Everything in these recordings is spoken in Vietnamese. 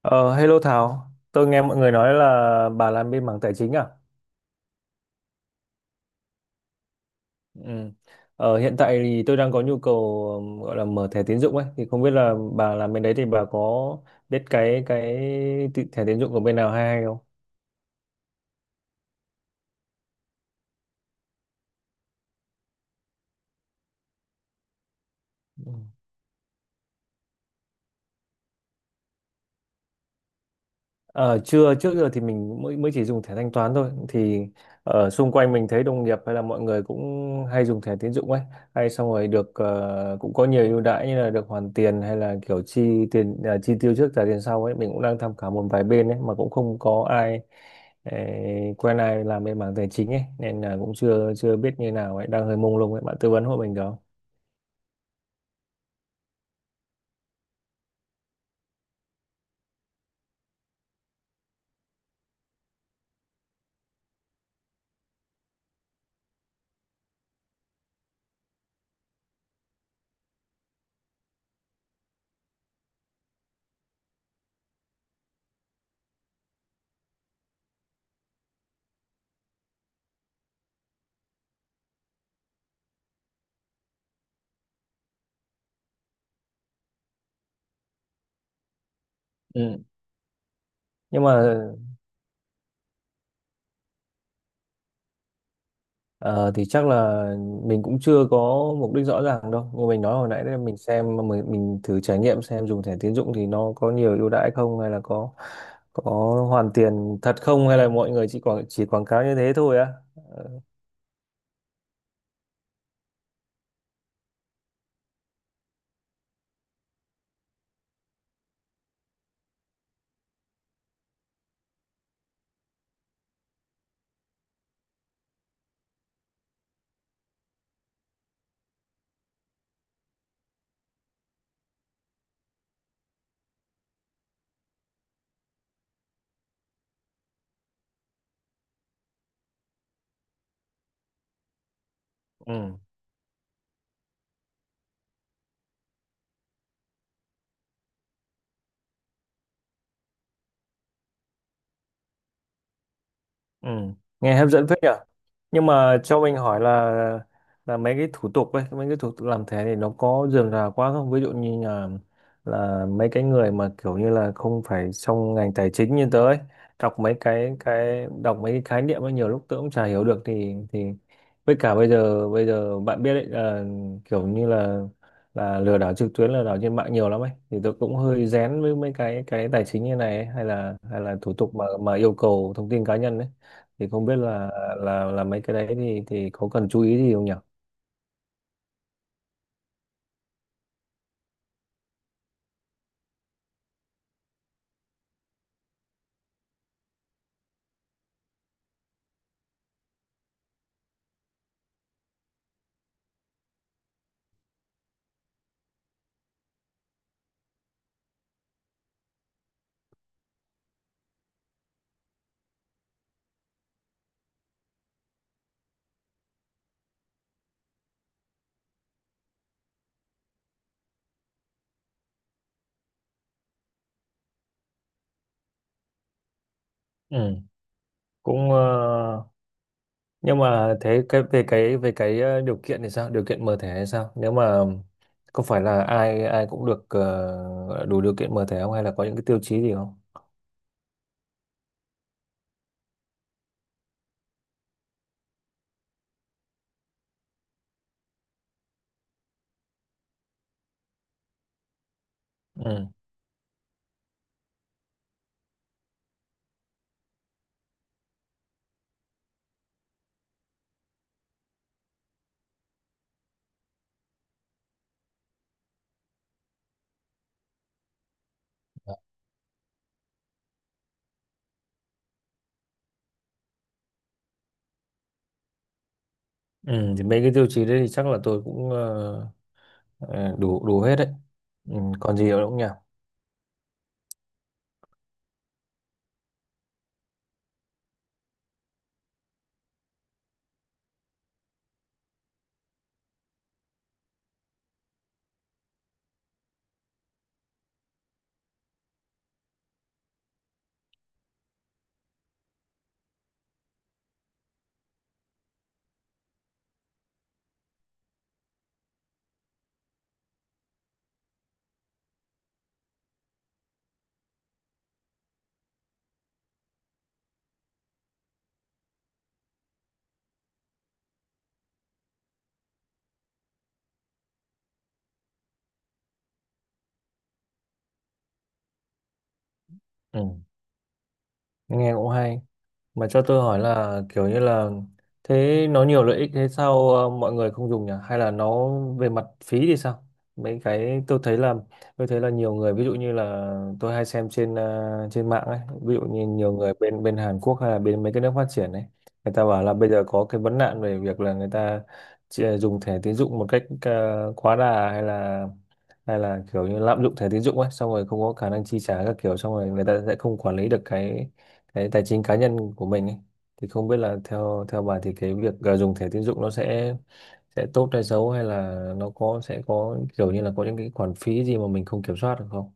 Ờ, hello Thảo, tôi nghe mọi người nói là bà làm bên mảng tài chính à? Ừ. Hiện tại thì tôi đang có nhu cầu gọi là mở thẻ tín dụng ấy, thì không biết là bà làm bên đấy thì bà có biết cái thẻ tín dụng của bên nào hay hay không? Ờ, chưa, trước giờ thì mình mới mới chỉ dùng thẻ thanh toán thôi thì ở xung quanh mình thấy đồng nghiệp hay là mọi người cũng hay dùng thẻ tín dụng ấy, hay xong rồi được cũng có nhiều ưu đãi như là được hoàn tiền hay là kiểu chi tiền à, chi tiêu trước trả tiền sau ấy, mình cũng đang tham khảo một vài bên ấy mà cũng không có ai quen ai làm bên mảng tài chính ấy nên là cũng chưa chưa biết như nào ấy, đang hơi mông lung ấy, bạn tư vấn hộ mình được không? Ừ, nhưng mà… Ờ, thì chắc là mình cũng chưa có mục đích rõ ràng đâu. Như mình nói hồi nãy đấy, mình xem mình thử trải nghiệm xem dùng thẻ tín dụng thì nó có nhiều ưu đãi không, hay là có hoàn tiền thật không, hay là mọi người chỉ quảng cáo như thế thôi á. Ừ. Ừ. Nghe hấp dẫn phết nhở. Nhưng mà cho mình hỏi là mấy cái thủ tục ấy, mấy cái thủ tục làm thế thì nó có rườm rà quá không? Ví dụ như là mấy cái người mà kiểu như là không phải trong ngành tài chính như tớ ấy, đọc mấy cái đọc mấy cái khái niệm ấy nhiều lúc tớ cũng chả hiểu được thì với cả bây giờ bạn biết đấy là kiểu như là lừa đảo trực tuyến, lừa đảo trên mạng nhiều lắm ấy, thì tôi cũng hơi rén với mấy cái tài chính như này ấy, hay là thủ tục mà yêu cầu thông tin cá nhân ấy thì không biết là mấy cái đấy thì có cần chú ý gì không nhỉ? Ừ, cũng ờ, nhưng mà thế cái về cái điều kiện thì sao? Điều kiện mở thẻ hay sao? Nếu mà có phải là ai ai cũng được đủ điều kiện mở thẻ không, hay là có những cái tiêu chí gì không? Ừ. Ừ, thì mấy cái tiêu chí đấy thì chắc là tôi cũng ờ, đủ đủ hết đấy. Ừ, còn gì nữa không nhỉ? Ừ, nghe cũng hay. Mà cho tôi hỏi là kiểu như là thế nó nhiều lợi ích thế sao mọi người không dùng nhỉ? Hay là nó về mặt phí thì sao? Mấy cái tôi thấy là nhiều người, ví dụ như là tôi hay xem trên trên mạng ấy, ví dụ như nhiều người bên bên Hàn Quốc hay là bên mấy cái nước phát triển ấy, người ta bảo là bây giờ có cái vấn nạn về việc là người ta dùng thẻ tín dụng một cách quá đà, hay là kiểu như lạm dụng thẻ tín dụng ấy, xong rồi không có khả năng chi trả các kiểu, xong rồi người ta sẽ không quản lý được cái tài chính cá nhân của mình ấy. Thì không biết là theo theo bà thì cái việc dùng thẻ tín dụng nó sẽ tốt hay xấu, hay là nó có sẽ có kiểu như là có những cái khoản phí gì mà mình không kiểm soát được không?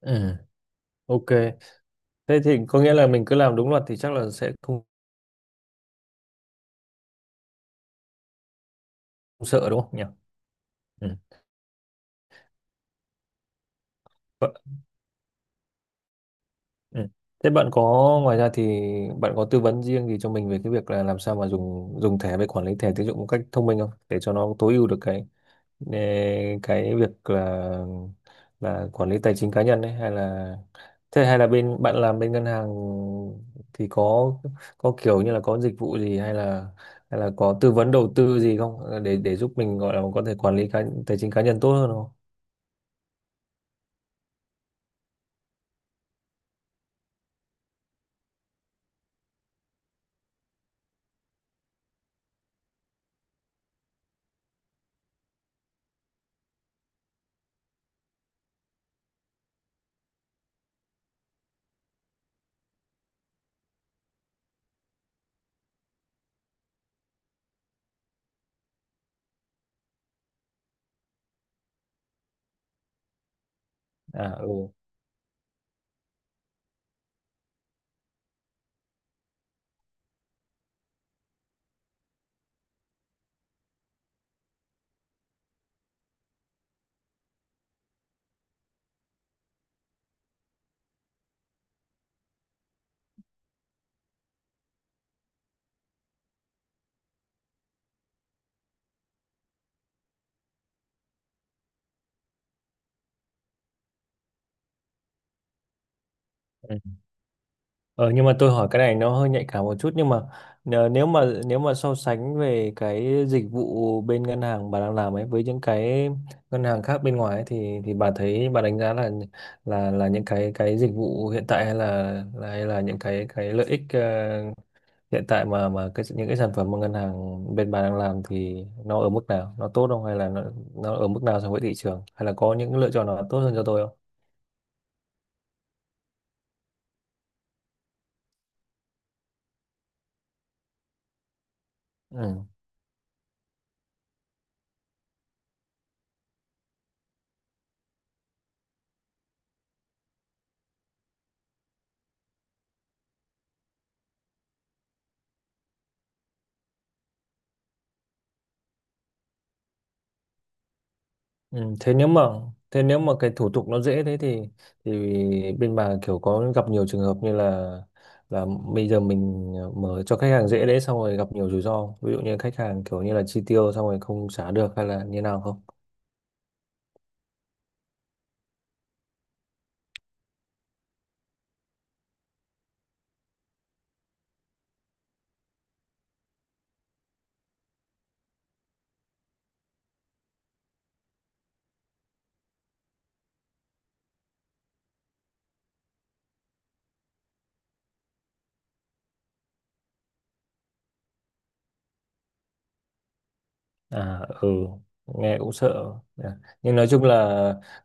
Ừ, ok. Thế thì có nghĩa là mình cứ làm đúng luật thì chắc là sẽ không sợ, đúng không nhỉ? Ừ. Bạn- ừ. Thế bạn có ngoài ra thì bạn có tư vấn riêng gì cho mình về cái việc là làm sao mà dùng dùng thẻ với quản lý thẻ tín dụng một cách thông minh không, để cho nó tối ưu được cái Ờ, cái việc là quản lý tài chính cá nhân ấy, hay là thế hay là bên bạn làm bên ngân hàng thì có kiểu như là có dịch vụ gì hay là có tư vấn đầu tư gì không, để để giúp mình, gọi là có thể quản lý cá, tài chính cá nhân tốt hơn không? À, ừ. Ờ, nhưng mà tôi hỏi cái này nó hơi nhạy cảm một chút, nhưng mà nhờ- nếu mà so sánh về cái dịch vụ bên ngân hàng bà đang làm ấy với những cái ngân hàng khác bên ngoài ấy, thì bà thấy bà đánh giá là những cái dịch vụ hiện tại hay là- hay là những cái lợi ích hiện tại mà cái những cái sản phẩm mà ngân hàng bên bà đang làm thì nó ở mức nào, nó tốt không hay là nó ở mức nào so với thị trường, hay là có những lựa chọn nào tốt hơn cho tôi không? Ừ. Ừ, thế nếu mà cái thủ tục nó dễ thế thì thì bên bà kiểu có gặp nhiều trường hợp như là là bây giờ mình mở cho khách hàng dễ đấy xong rồi gặp nhiều rủi ro không? Ví dụ như khách hàng kiểu như là chi tiêu xong rồi không trả được hay là như nào không. À ừ, nghe cũng sợ. À, nhưng nói chung là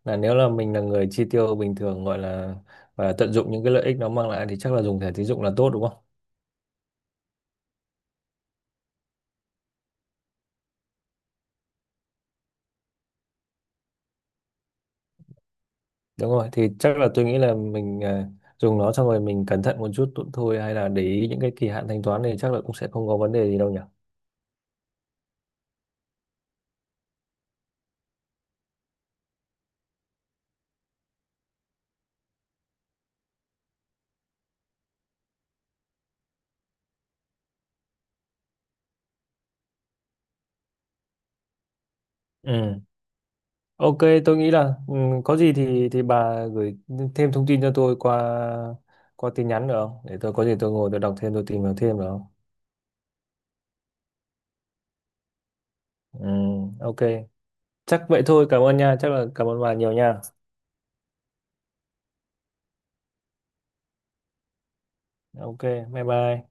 nếu là mình là người chi tiêu bình thường, gọi là và tận dụng những cái lợi ích nó mang lại thì chắc là dùng thẻ tín dụng là tốt đúng không? Đúng rồi, thì chắc là tôi nghĩ là mình à, dùng nó xong rồi mình cẩn thận một chút thôi, hay là để ý những cái kỳ hạn thanh toán thì chắc là cũng sẽ không có vấn đề gì đâu nhỉ. Ừ. Ok, tôi nghĩ là ừ, có gì thì bà gửi thêm thông tin cho tôi qua qua tin nhắn được không? Để tôi có gì tôi ngồi đọc thêm, tôi tìm hiểu thêm được không? Ừ, ok. Chắc vậy thôi, cảm ơn nha, chắc là cảm ơn bà nhiều nha. Ok, bye bye.